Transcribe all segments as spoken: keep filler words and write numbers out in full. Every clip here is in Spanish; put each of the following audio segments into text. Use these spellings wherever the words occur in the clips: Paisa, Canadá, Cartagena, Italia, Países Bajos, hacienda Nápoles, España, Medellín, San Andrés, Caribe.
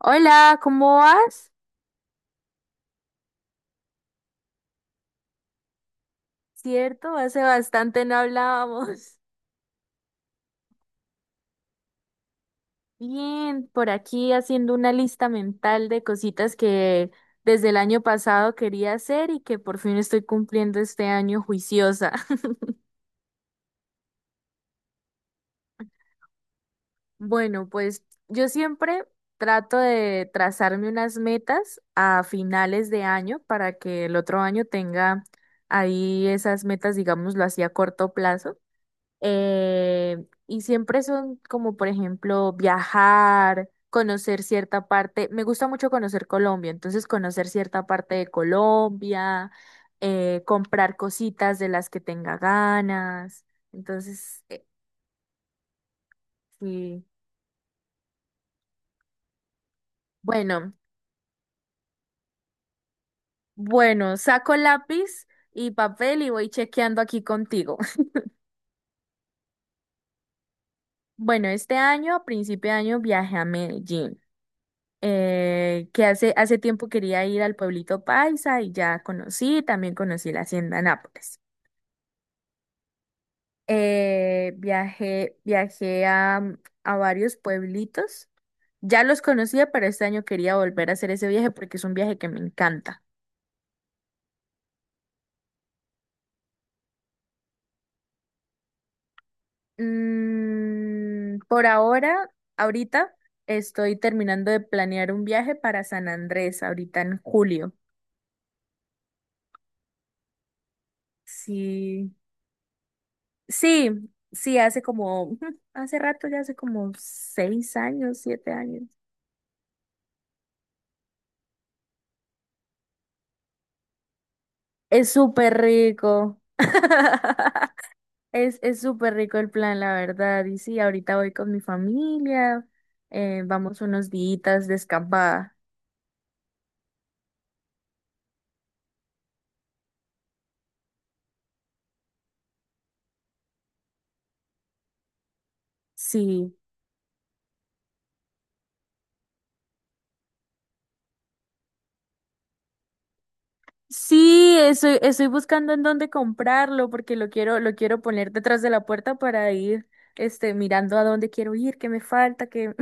Hola, ¿cómo vas? Cierto, hace bastante no hablábamos. Bien, por aquí haciendo una lista mental de cositas que desde el año pasado quería hacer y que por fin estoy cumpliendo este año juiciosa. Bueno, pues yo siempre trato de trazarme unas metas a finales de año para que el otro año tenga ahí esas metas, digámoslo así, a corto plazo. eh, y siempre son como, por ejemplo, viajar, conocer cierta parte. Me gusta mucho conocer Colombia, entonces conocer cierta parte de Colombia, eh, comprar cositas de las que tenga ganas. Entonces, eh, sí. Bueno, bueno, saco lápiz y papel y voy chequeando aquí contigo. Bueno, este año, a principio de año, viajé a Medellín. Eh, que hace, hace tiempo quería ir al pueblito Paisa y ya conocí, también conocí la hacienda Nápoles. Eh, viajé, viajé a, mm, a varios pueblitos. Ya los conocía, pero este año quería volver a hacer ese viaje porque es un viaje que me encanta. Mm, por ahora, ahorita estoy terminando de planear un viaje para San Andrés, ahorita en julio. Sí. Sí, sí, hace como, ujú, hace rato, ya hace como seis años, siete años. Es súper rico. Es, es súper rico el plan, la verdad. Y sí, ahorita voy con mi familia, eh, vamos unos días de escapada. Sí. Sí, estoy, estoy buscando en dónde comprarlo porque lo quiero, lo quiero poner detrás de la puerta para ir, este, mirando a dónde quiero ir, qué me falta, qué.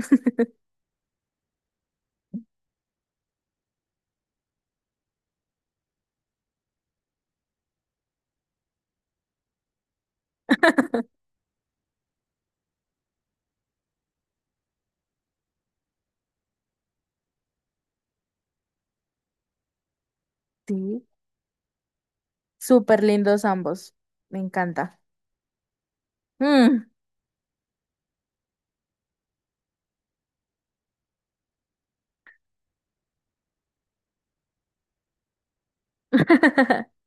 Sí, súper lindos ambos. Me encanta. Mm.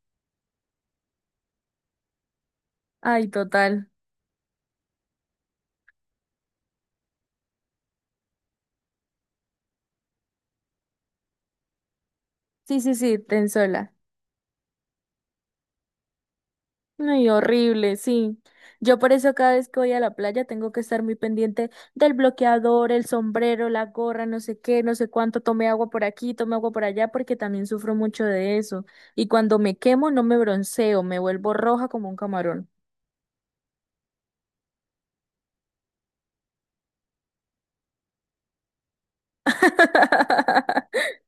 Ay, total. Sí, sí, sí, ten sola. Ay, horrible, sí. Yo por eso cada vez que voy a la playa tengo que estar muy pendiente del bloqueador, el sombrero, la gorra, no sé qué, no sé cuánto, tomé agua por aquí, tomé agua por allá, porque también sufro mucho de eso. Y cuando me quemo no me bronceo, me vuelvo roja como un camarón.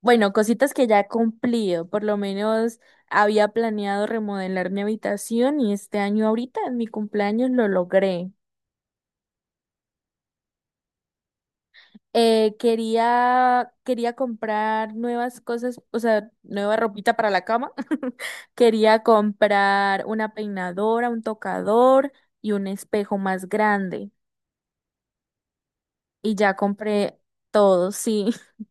Bueno, cositas que ya he cumplido. Por lo menos había planeado remodelar mi habitación y este año ahorita en mi cumpleaños lo logré. Eh, quería, quería comprar nuevas cosas, o sea, nueva ropita para la cama. Quería comprar una peinadora, un tocador y un espejo más grande. Y ya compré todo, sí.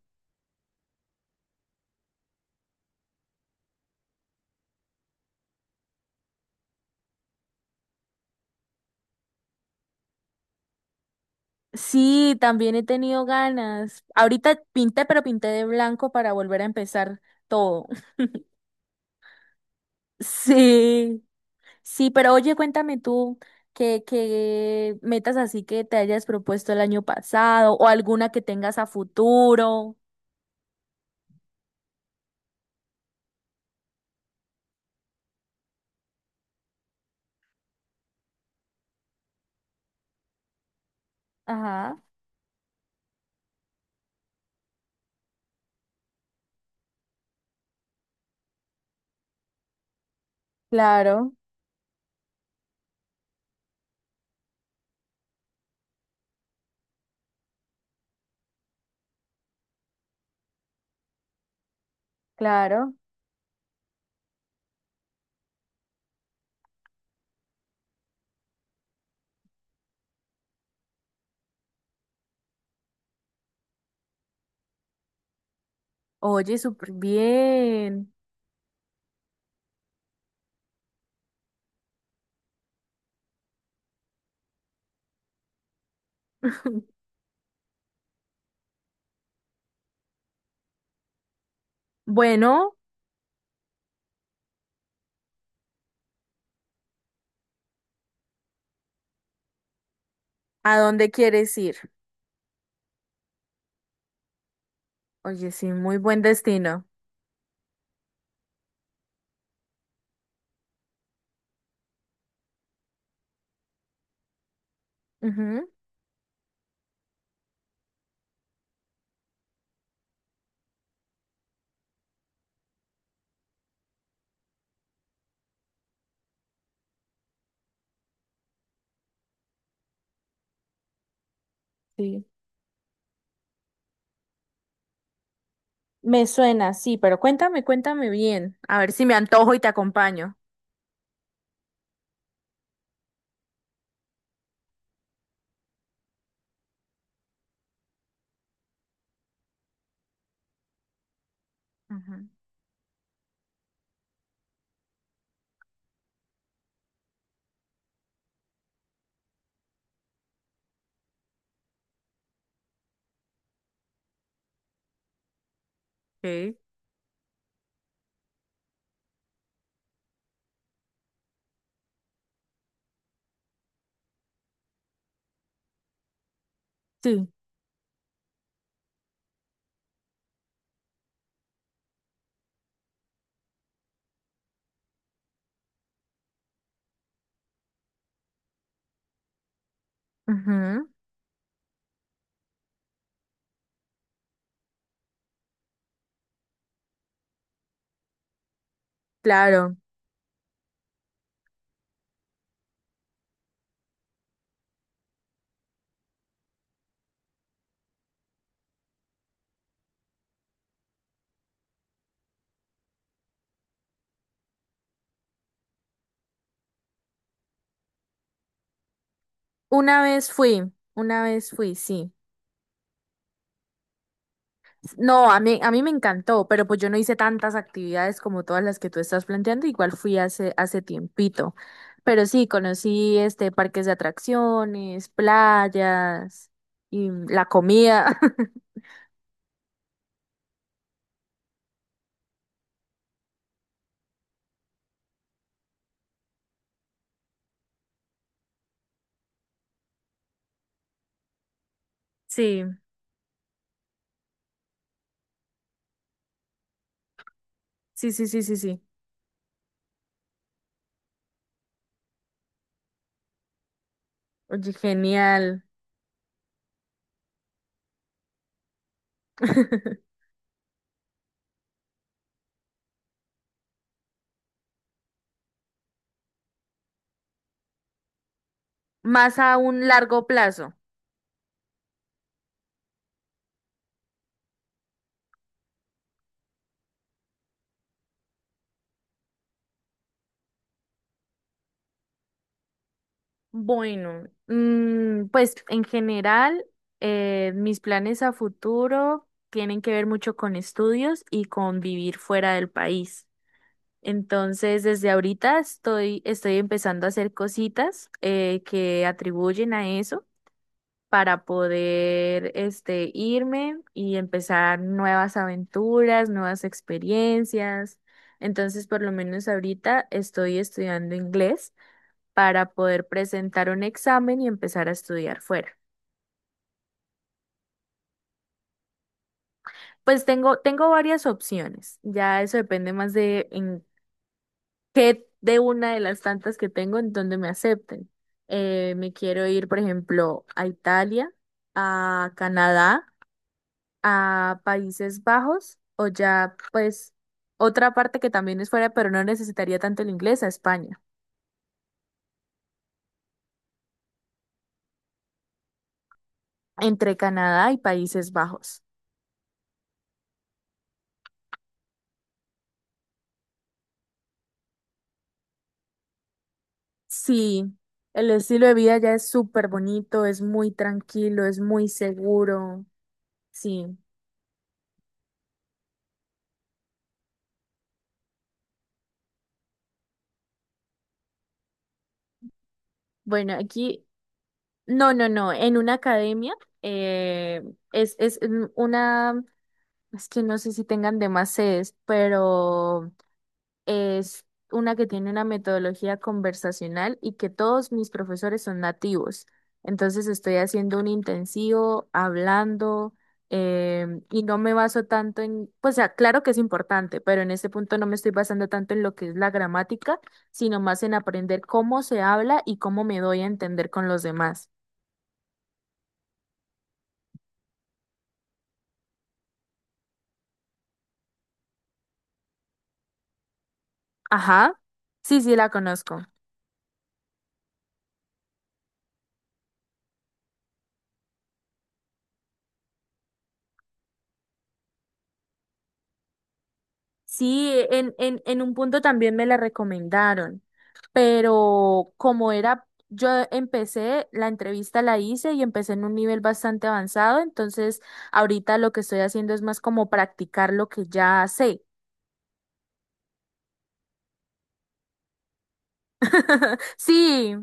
Sí, también he tenido ganas. Ahorita pinté, pero pinté de blanco para volver a empezar todo. Sí. Sí, pero oye, cuéntame tú qué, qué metas así que te hayas propuesto el año pasado o alguna que tengas a futuro. Ajá, claro, claro. Oye, súper bien. Bueno, ¿a dónde quieres ir? Oye, sí, muy buen destino. Ujú. Sí. Me suena, sí, pero cuéntame, cuéntame bien. A ver si me antojo y te acompaño. Ujú. Ok. Sí. Ujú, claro. Una vez fui, una vez fui, sí. No, a mí, a mí me encantó, pero pues yo no hice tantas actividades como todas las que tú estás planteando, igual fui hace, hace tiempito. Pero sí, conocí este parques de atracciones, playas y la comida. Sí, sí, sí, sí, sí, sí. Oye, genial. Más a un largo plazo. Bueno, mm, pues en general, eh, mis planes a futuro tienen que ver mucho con estudios y con vivir fuera del país. Entonces, desde ahorita estoy, estoy empezando a hacer cositas eh, que atribuyen a eso para poder este, irme y empezar nuevas aventuras, nuevas experiencias. Entonces, por lo menos ahorita estoy estudiando inglés para poder presentar un examen y empezar a estudiar fuera. Pues tengo, tengo varias opciones. Ya eso depende más de que de una de las tantas que tengo en donde me acepten. Eh, me quiero ir, por ejemplo, a Italia, a Canadá, a Países Bajos o ya, pues, otra parte que también es fuera, pero no necesitaría tanto el inglés, a España, entre Canadá y Países Bajos. Sí, el estilo de vida ya es súper bonito, es muy tranquilo, es muy seguro. Sí. Bueno, aquí. No, no, no, en una academia eh, es, es un- una, es que no sé si tengan demás sedes, pero es una que tiene una metodología conversacional y que todos mis profesores son nativos. Entonces estoy haciendo un intensivo, hablando, em, y no me baso tanto en, pues ah, claro que es importante, pero en este punto no me estoy basando tanto en lo que es la gramática, sino más en aprender cómo se habla y cómo me doy a entender con los demás. Ajá. Sí, sí, la conozco. Sí, en, en, en un punto también me la recomendaron, pero como era, yo empecé, la entrevista la hice y empecé en un nivel bastante avanzado, entonces ahorita lo que estoy haciendo es más como practicar lo que ya sé. Sí,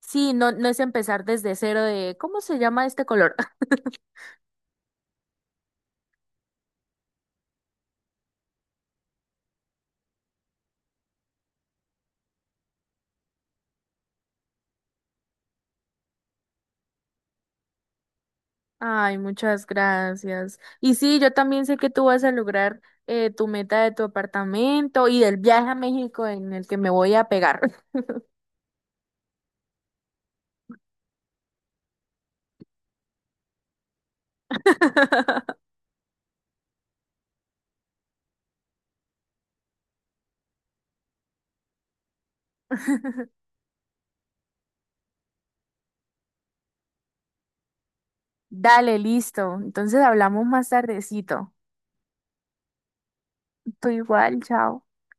sí, no, no es empezar desde cero de, ¿cómo se llama este color? Ay, muchas gracias. Y sí, yo también sé que tú vas a lograr eh, tu meta de tu apartamento y del viaje a México en el que me voy a pegar. Dale, listo. Entonces hablamos más tardecito. Tú igual, chao.